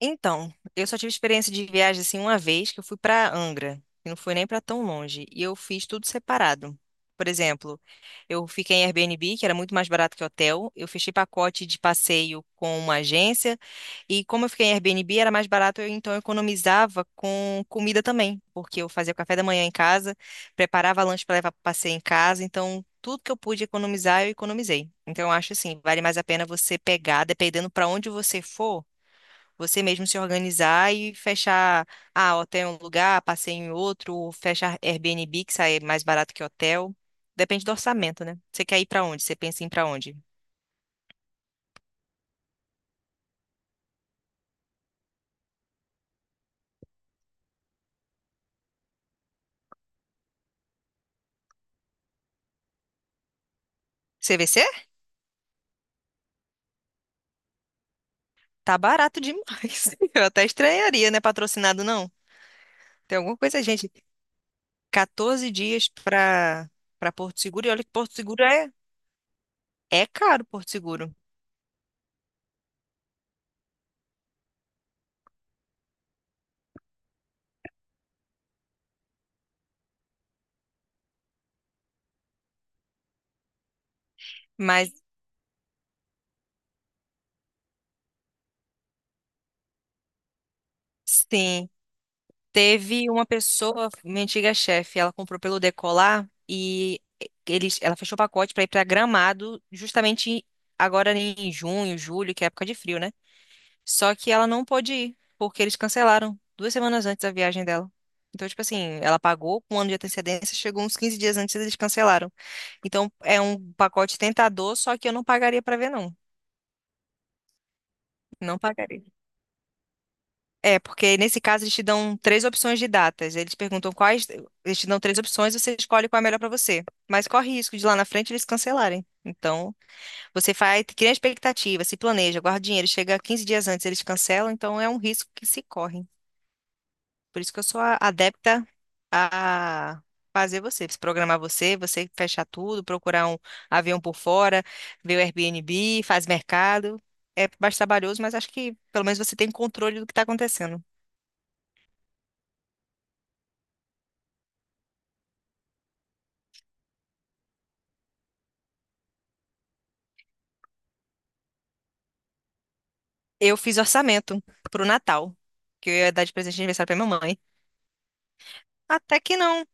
Então, eu só tive experiência de viagem assim uma vez, que eu fui para Angra, que não foi nem para tão longe, e eu fiz tudo separado. Por exemplo, eu fiquei em Airbnb, que era muito mais barato que hotel, eu fechei pacote de passeio com uma agência, e como eu fiquei em Airbnb, era mais barato, então eu economizava com comida também, porque eu fazia o café da manhã em casa, preparava lanche para levar para passeio em casa, então tudo que eu pude economizar, eu economizei. Então, eu acho assim, vale mais a pena você pegar, dependendo para onde você for, você mesmo se organizar e fechar, hotel em um lugar, passeio em outro, ou fecha Airbnb, que sai mais barato que hotel. Depende do orçamento, né? Você quer ir pra onde? Você pensa em ir pra onde? CVC? Tá barato demais. Eu até estranharia, né? Patrocinado não. Tem alguma coisa, gente. 14 dias pra para Porto Seguro. E olha que Porto Seguro é caro, Porto Seguro. Mas sim, teve uma pessoa, minha antiga chefe, ela comprou pelo Decolar e ela fechou o pacote para ir para Gramado justamente agora em junho, julho, que é época de frio, né? Só que ela não pôde ir, porque eles cancelaram 2 semanas antes da viagem dela. Então, tipo assim, ela pagou com um ano de antecedência, chegou uns 15 dias antes e eles cancelaram. Então, é um pacote tentador, só que eu não pagaria para ver, não. Não pagaria. É, porque nesse caso eles te dão três opções de datas. Eles perguntam quais. Eles te dão três opções, você escolhe qual é a melhor para você. Mas corre risco de lá na frente eles cancelarem. Então, você faz, cria expectativa, se planeja, guarda dinheiro, chega 15 dias antes, eles cancelam, então é um risco que se corre. Por isso que eu sou adepta a fazer você, se programar, você, você fechar tudo, procurar um avião por fora, ver o Airbnb, faz mercado. É mais trabalhoso, mas acho que pelo menos você tem controle do que está acontecendo. Eu fiz orçamento pro Natal, que eu ia dar de presente de aniversário pra minha mãe. Até que não.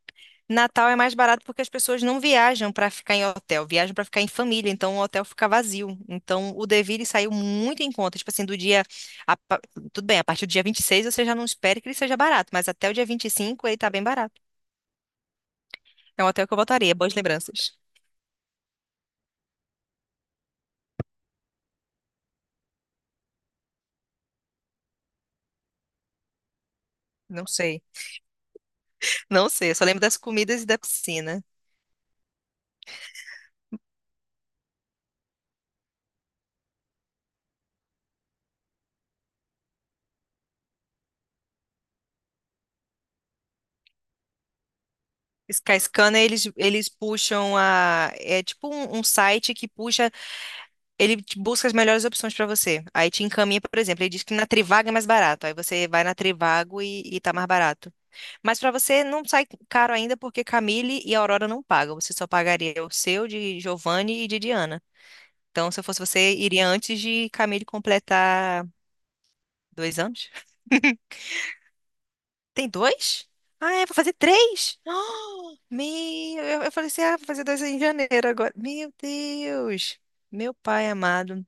Natal é mais barato porque as pessoas não viajam pra ficar em hotel, viajam pra ficar em família, então o hotel fica vazio. Então o Deville saiu muito em conta, tipo assim, do dia a pa- tudo bem, a partir do dia 26 você já não espere que ele seja barato, mas até o dia 25 ele tá bem barato. É um hotel que eu voltaria, boas lembranças. Não sei. Não sei, eu só lembro das comidas e da piscina. Skyscanner, eles puxam a. É tipo um site que puxa. Ele te busca as melhores opções para você. Aí te encaminha, por exemplo, ele diz que na Trivago é mais barato. Aí você vai na Trivago e tá mais barato. Mas para você não sai caro ainda porque Camille e Aurora não pagam. Você só pagaria o seu, de Giovanni e de Diana. Então, se eu fosse você, iria antes de Camille completar 2 anos. Tem dois? Ah, é, vou fazer três. Oh, meu, eu falei assim, ah, vou fazer dois em janeiro agora. Meu Deus, meu pai amado.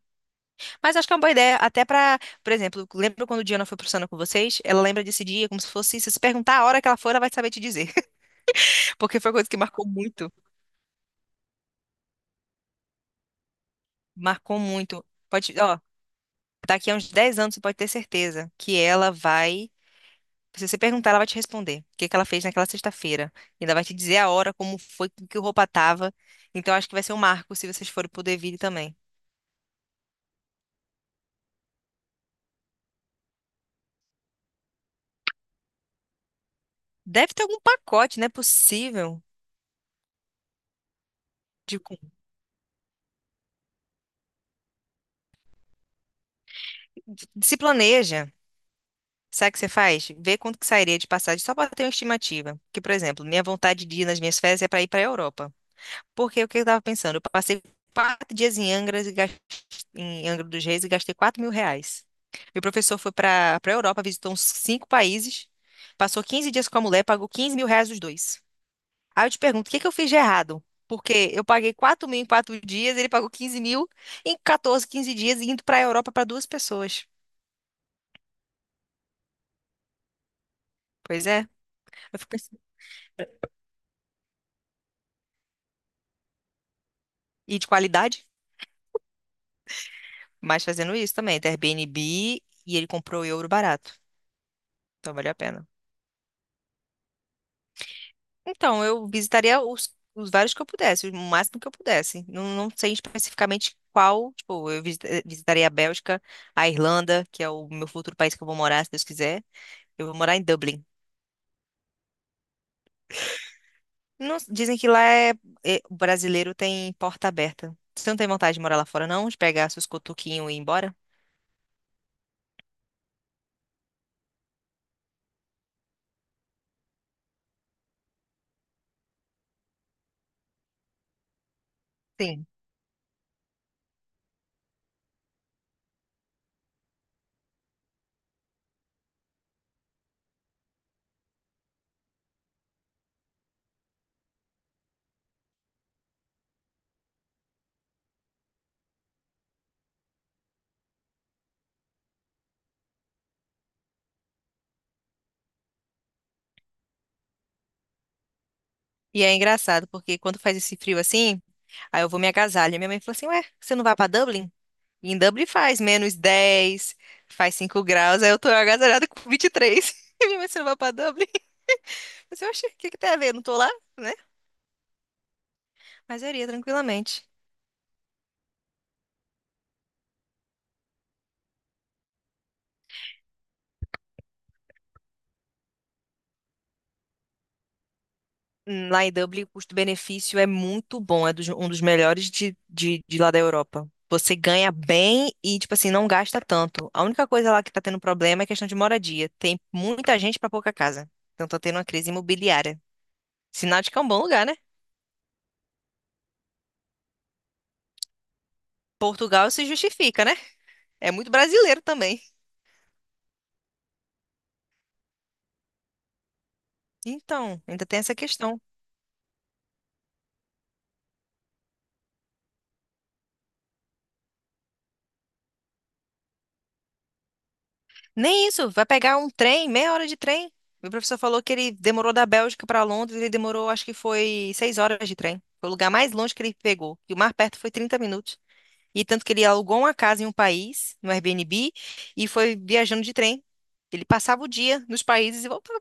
Mas acho que é uma boa ideia, até pra, por exemplo, lembra quando Diana foi pro Sana com vocês? Ela lembra desse dia como se fosse, se você perguntar a hora que ela for, ela vai saber te dizer. Porque foi uma coisa que marcou muito, marcou muito. Pode, ó, daqui a uns 10 anos você pode ter certeza. Que ela vai Se você perguntar, ela vai te responder o que que ela fez naquela sexta-feira. E ela vai te dizer a hora, como foi, com que roupa tava. Então, acho que vai ser um marco se vocês forem pro Deville também. Deve ter algum pacote, né possível. De, co- Se planeja. Sabe o que você faz? Vê quanto que sairia de passagem só para ter uma estimativa. Que, por exemplo, minha vontade de ir nas minhas férias é para ir para a Europa. Porque o que eu estava pensando? Eu passei 4 dias em Angra e em Angra dos Reis e gastei R$ 4.000. Meu professor foi para a Europa, visitou uns cinco países, passou 15 dias com a mulher, pagou R$ 15.000 os dois. Aí eu te pergunto, o que que eu fiz de errado? Porque eu paguei 4.000 em 4 dias, ele pagou 15.000 em 14, 15 dias, indo para a Europa para duas pessoas. Pois é, eu fico pensando. E de qualidade, mas fazendo isso também, do Airbnb, e ele comprou euro barato. Então valeu a pena. Então, eu visitaria os vários que eu pudesse, o máximo que eu pudesse. Não, não sei especificamente qual, tipo, visitaria a Bélgica, a Irlanda, que é o meu futuro país que eu vou morar, se Deus quiser. Eu vou morar em Dublin. Dizem que lá o brasileiro tem porta aberta. Você não tem vontade de morar lá fora, não? De pegar seus cotoquinhos e ir embora? Sim. E é engraçado, porque quando faz esse frio assim, aí eu vou me agasalho. Minha mãe falou assim, ué, você não vai pra Dublin? Em Dublin faz -10, faz 5 graus, aí eu tô agasalhada com 23. E três. E minha mãe, você não vai pra Dublin? Mas eu achei, o que que tem a ver? Eu não tô lá, né? Mas eu iria tranquilamente. Lá em Dublin, o custo-benefício é muito bom, é um dos melhores de lá da Europa. Você ganha bem e, tipo assim, não gasta tanto. A única coisa lá que tá tendo problema é questão de moradia. Tem muita gente pra pouca casa. Então tá tendo uma crise imobiliária. Sinal de que é um bom lugar, né? Portugal se justifica, né? É muito brasileiro também. Então, ainda tem essa questão. Nem isso, vai pegar um trem, meia hora de trem. Meu professor falou que ele demorou da Bélgica para Londres, ele demorou, acho que foi 6 horas de trem. Foi o lugar mais longe que ele pegou. E o mais perto foi 30 minutos. E tanto que ele alugou uma casa em um país, no Airbnb, e foi viajando de trem. Ele passava o dia nos países e voltava.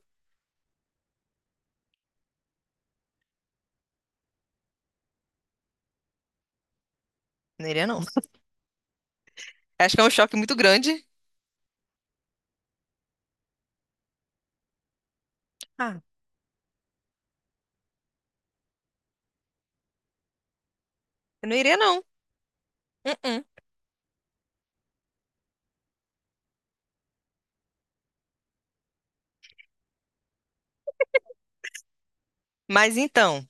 Não iria, não. Acho que é um choque muito grande. Ah, eu não iria, não. Uh-uh. Mas então.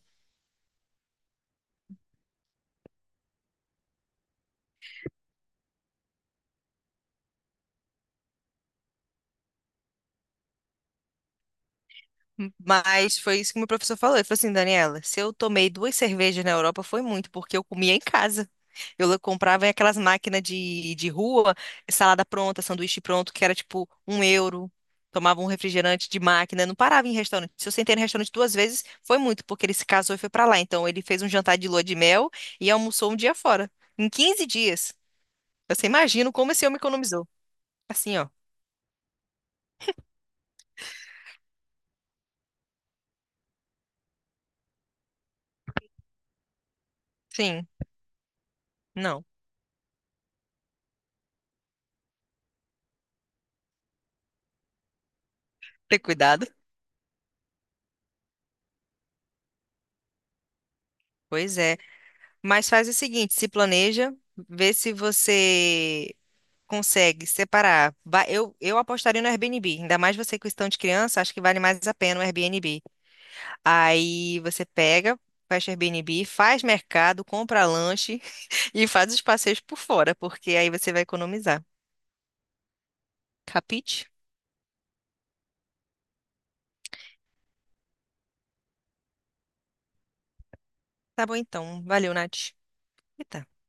Mas foi isso que meu professor falou. Ele falou assim, Daniela, se eu tomei duas cervejas na Europa foi muito, porque eu comia em casa. Comprava aquelas máquinas de rua, salada pronta, sanduíche pronto, que era tipo 1 euro. Tomava um refrigerante de máquina, não parava em restaurante. Se eu sentei no restaurante duas vezes, foi muito, porque ele se casou e foi pra lá. Então ele fez um jantar de lua de mel e almoçou um dia fora, em 15 dias. Você imagina como esse homem economizou. Assim, ó. Sim, não. Ter cuidado. Pois é. Mas faz o seguinte, se planeja, vê se você consegue separar. Eu apostaria no Airbnb, ainda mais você com questão de criança, acho que vale mais a pena o Airbnb. Aí você pega, fecha o Airbnb, faz mercado, compra lanche e faz os passeios por fora, porque aí você vai economizar. Capite? Tá bom então. Valeu, Nath. Eita.